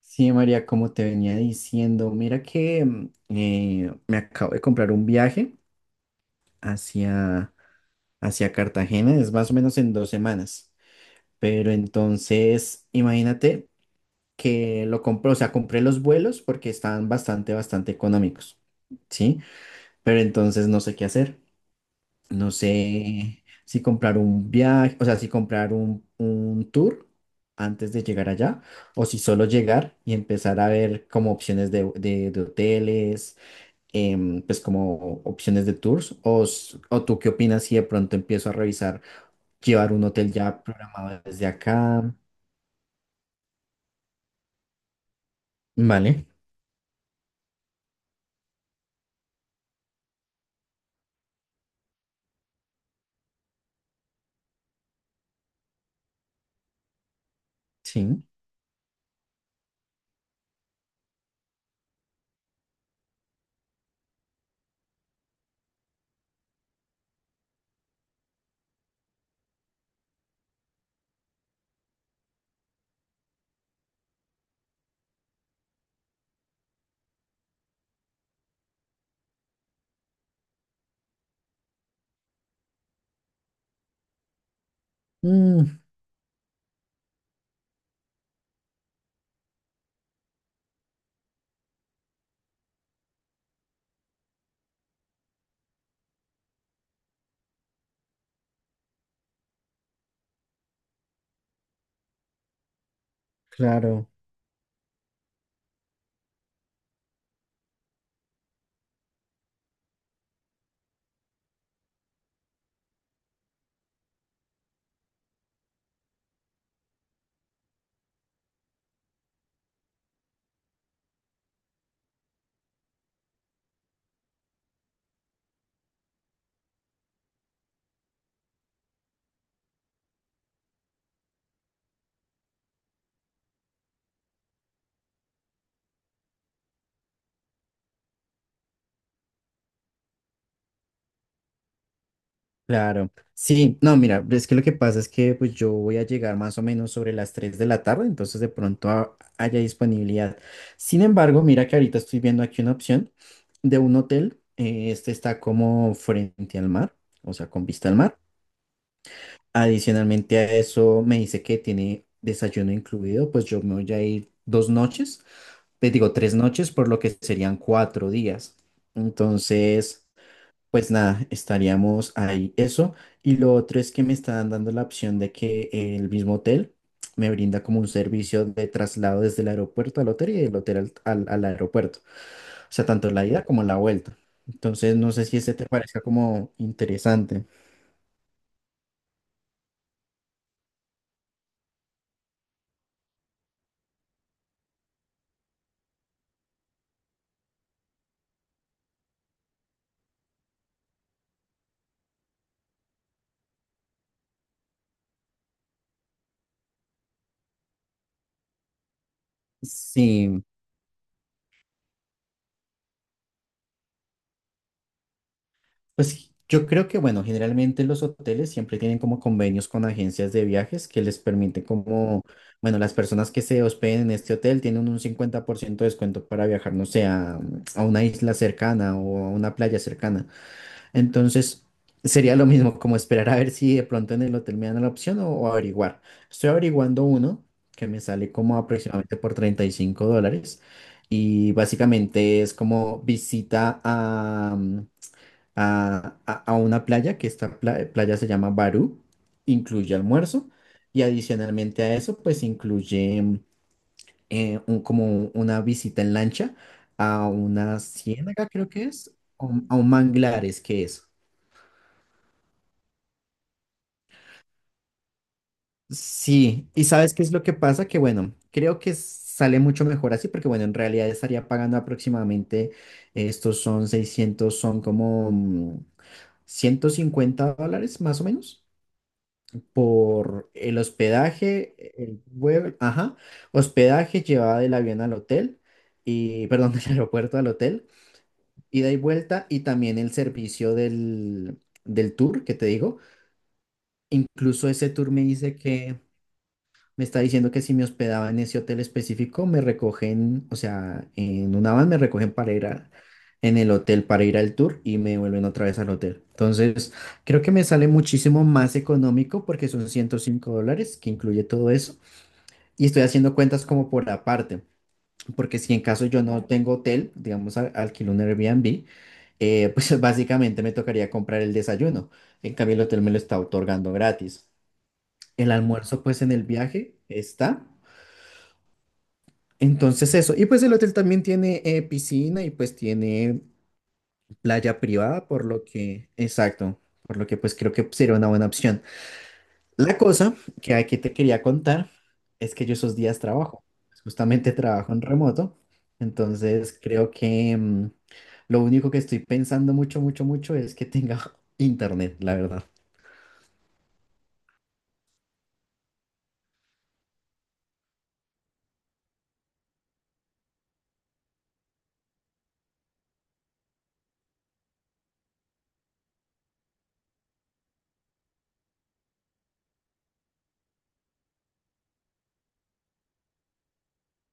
Sí, María, como te venía diciendo, mira que me acabo de comprar un viaje hacia, hacia Cartagena, es más o menos en 2 semanas, pero entonces imagínate que lo compré, o sea, compré los vuelos porque estaban bastante, bastante económicos, ¿sí? Pero entonces no sé qué hacer. No sé si comprar un viaje, o sea, si comprar un tour antes de llegar allá, o si solo llegar y empezar a ver como opciones de hoteles, pues como opciones de tours, o tú qué opinas si de pronto empiezo a revisar, llevar un hotel ya programado desde acá. Vale, sí. Mm, claro. Claro, sí, no, mira, es que lo que pasa es que pues yo voy a llegar más o menos sobre las 3 de la tarde, entonces de pronto haya disponibilidad. Sin embargo, mira que ahorita estoy viendo aquí una opción de un hotel, este está como frente al mar, o sea, con vista al mar. Adicionalmente a eso me dice que tiene desayuno incluido, pues yo me voy a ir 2 noches, te digo 3 noches, por lo que serían 4 días. Entonces... pues nada, estaríamos ahí eso. Y lo otro es que me están dando la opción de que el mismo hotel me brinda como un servicio de traslado desde el aeropuerto al hotel y del hotel al aeropuerto. O sea, tanto la ida como la vuelta. Entonces, no sé si ese te parezca como interesante. Sí, pues yo creo que, bueno, generalmente los hoteles siempre tienen como convenios con agencias de viajes que les permiten como, bueno, las personas que se hospeden en este hotel tienen un 50% de descuento para viajar, no sé, a una isla cercana o a una playa cercana. Entonces, sería lo mismo como esperar a ver si de pronto en el hotel me dan la opción o averiguar. Estoy averiguando uno que me sale como aproximadamente por $35 y básicamente es como visita a una playa, que esta playa se llama Barú, incluye almuerzo y adicionalmente a eso, pues incluye como una visita en lancha a una ciénaga, creo que es, a un manglares, que es. Sí, y ¿sabes qué es lo que pasa? Que bueno, creo que sale mucho mejor así, porque bueno, en realidad estaría pagando aproximadamente, estos son 600, son como $150 más o menos, por el hospedaje, el vuelo, ajá, hospedaje, llevada del avión al hotel, y, perdón, del aeropuerto al hotel, ida y vuelta, y también el servicio del tour que te digo. Incluso ese tour me dice que me está diciendo que si me hospedaba en ese hotel específico, me recogen, o sea, en una van me recogen para ir a, en el hotel para ir al tour y me vuelven otra vez al hotel. Entonces, creo que me sale muchísimo más económico porque son $105 que incluye todo eso y estoy haciendo cuentas como por aparte, porque si en caso yo no tengo hotel, digamos, alquilo un Airbnb, pues básicamente me tocaría comprar el desayuno. En cambio, el hotel me lo está otorgando gratis. El almuerzo, pues en el viaje está. Entonces eso, y pues el hotel también tiene, piscina y pues tiene playa privada, por lo que, exacto, por lo que pues creo que sería una buena opción. La cosa que aquí te quería contar es que yo esos días trabajo, pues, justamente trabajo en remoto, entonces creo que lo único que estoy pensando mucho, mucho, mucho es que tenga internet, la verdad.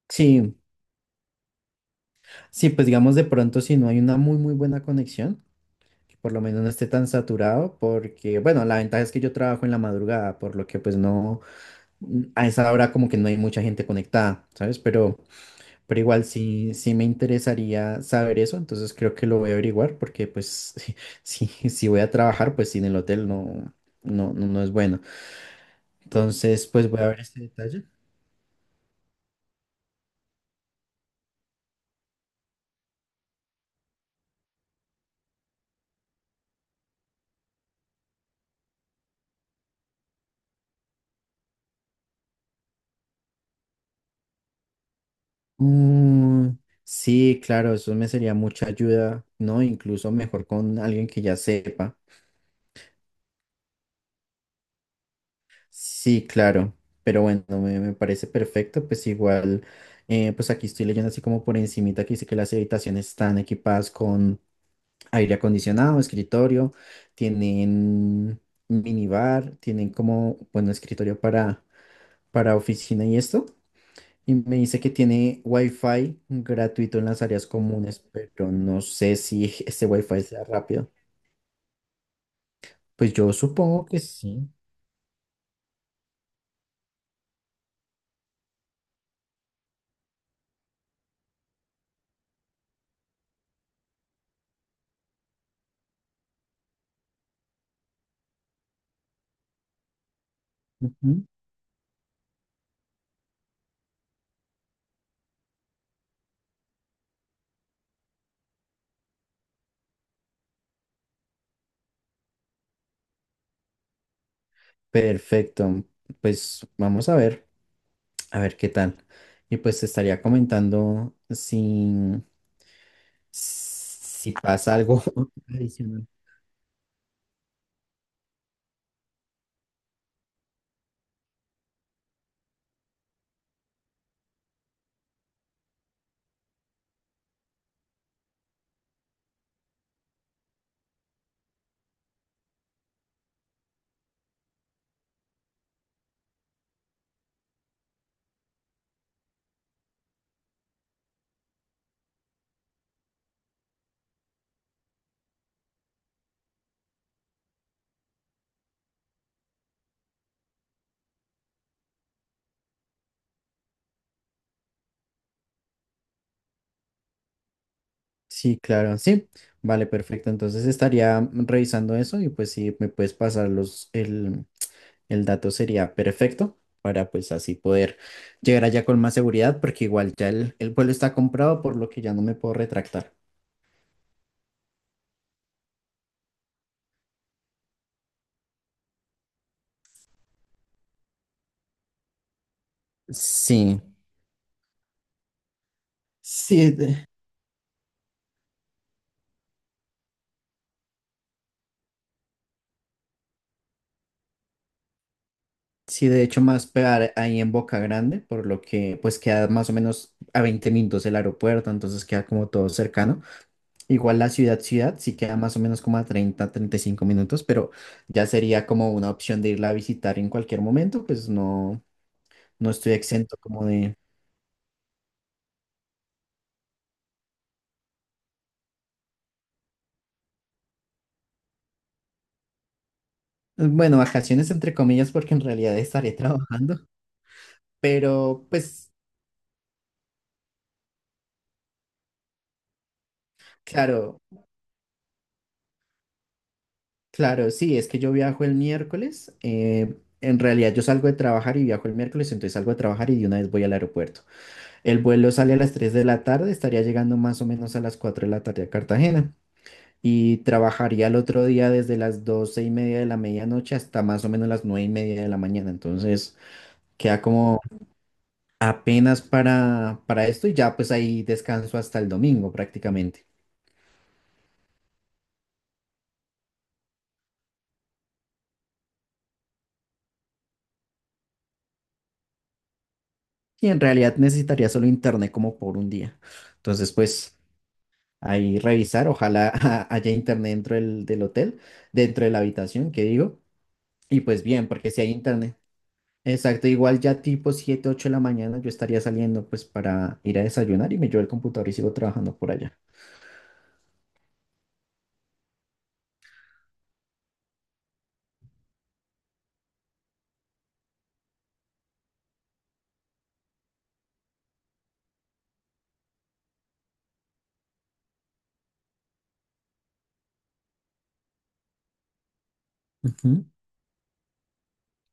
Sí, sí, pues digamos de pronto si no hay una muy, muy buena conexión, que por lo menos no esté tan saturado, porque, bueno, la ventaja es que yo trabajo en la madrugada, por lo que pues no, a esa hora como que no hay mucha gente conectada, ¿sabes? Pero igual sí, sí me interesaría saber eso, entonces creo que lo voy a averiguar, porque pues si voy a trabajar, pues sin el hotel no, no, no, no es bueno. Entonces, pues voy a ver este detalle. Mm, sí, claro, eso me sería mucha ayuda, ¿no? Incluso mejor con alguien que ya sepa. Sí, claro, pero bueno, me parece perfecto, pues igual, pues aquí estoy leyendo así como por encimita que dice que las habitaciones están equipadas con aire acondicionado, escritorio, tienen minibar, tienen como, bueno, escritorio para oficina y esto, y me dice que tiene wifi gratuito en las áreas comunes, pero no sé si este wifi sea rápido, pues yo supongo que sí. Ujú. Perfecto, pues vamos a ver. A ver qué tal. Y pues te estaría comentando si pasa algo adicional. Sí, claro, sí. Vale, perfecto. Entonces estaría revisando eso y pues si me puedes pasar el dato sería perfecto para pues así poder llegar allá con más seguridad porque igual ya el vuelo está comprado por lo que ya no me puedo retractar. Sí, sí, sí, de hecho, más pegar ahí en Boca Grande, por lo que pues queda más o menos a 20 minutos el aeropuerto, entonces queda como todo cercano. Igual la ciudad, ciudad, sí queda más o menos como a 30, 35 minutos, pero ya sería como una opción de irla a visitar en cualquier momento, pues no, no estoy exento como de, bueno, vacaciones entre comillas, porque en realidad estaré trabajando, pero pues claro, claro, sí, es que yo viajo el miércoles. En realidad yo salgo de trabajar y viajo el miércoles, entonces salgo de trabajar y de una vez voy al aeropuerto. El vuelo sale a las 3 de la tarde, estaría llegando más o menos a las 4 de la tarde a Cartagena y trabajaría el otro día desde las 12:30 de la medianoche hasta más o menos las 9:30 de la mañana. Entonces queda como apenas para esto y ya pues ahí descanso hasta el domingo prácticamente. Y en realidad necesitaría solo internet como por un día. Entonces pues... ahí revisar, ojalá haya internet dentro del hotel, dentro de la habitación, que digo, y pues bien, porque si hay internet. Exacto, igual ya tipo 7, 8 de la mañana yo estaría saliendo pues para ir a desayunar y me llevo el computador y sigo trabajando por allá. Ujú.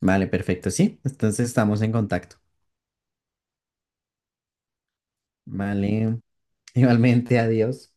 Vale, perfecto, sí, entonces estamos en contacto. Vale, igualmente, adiós.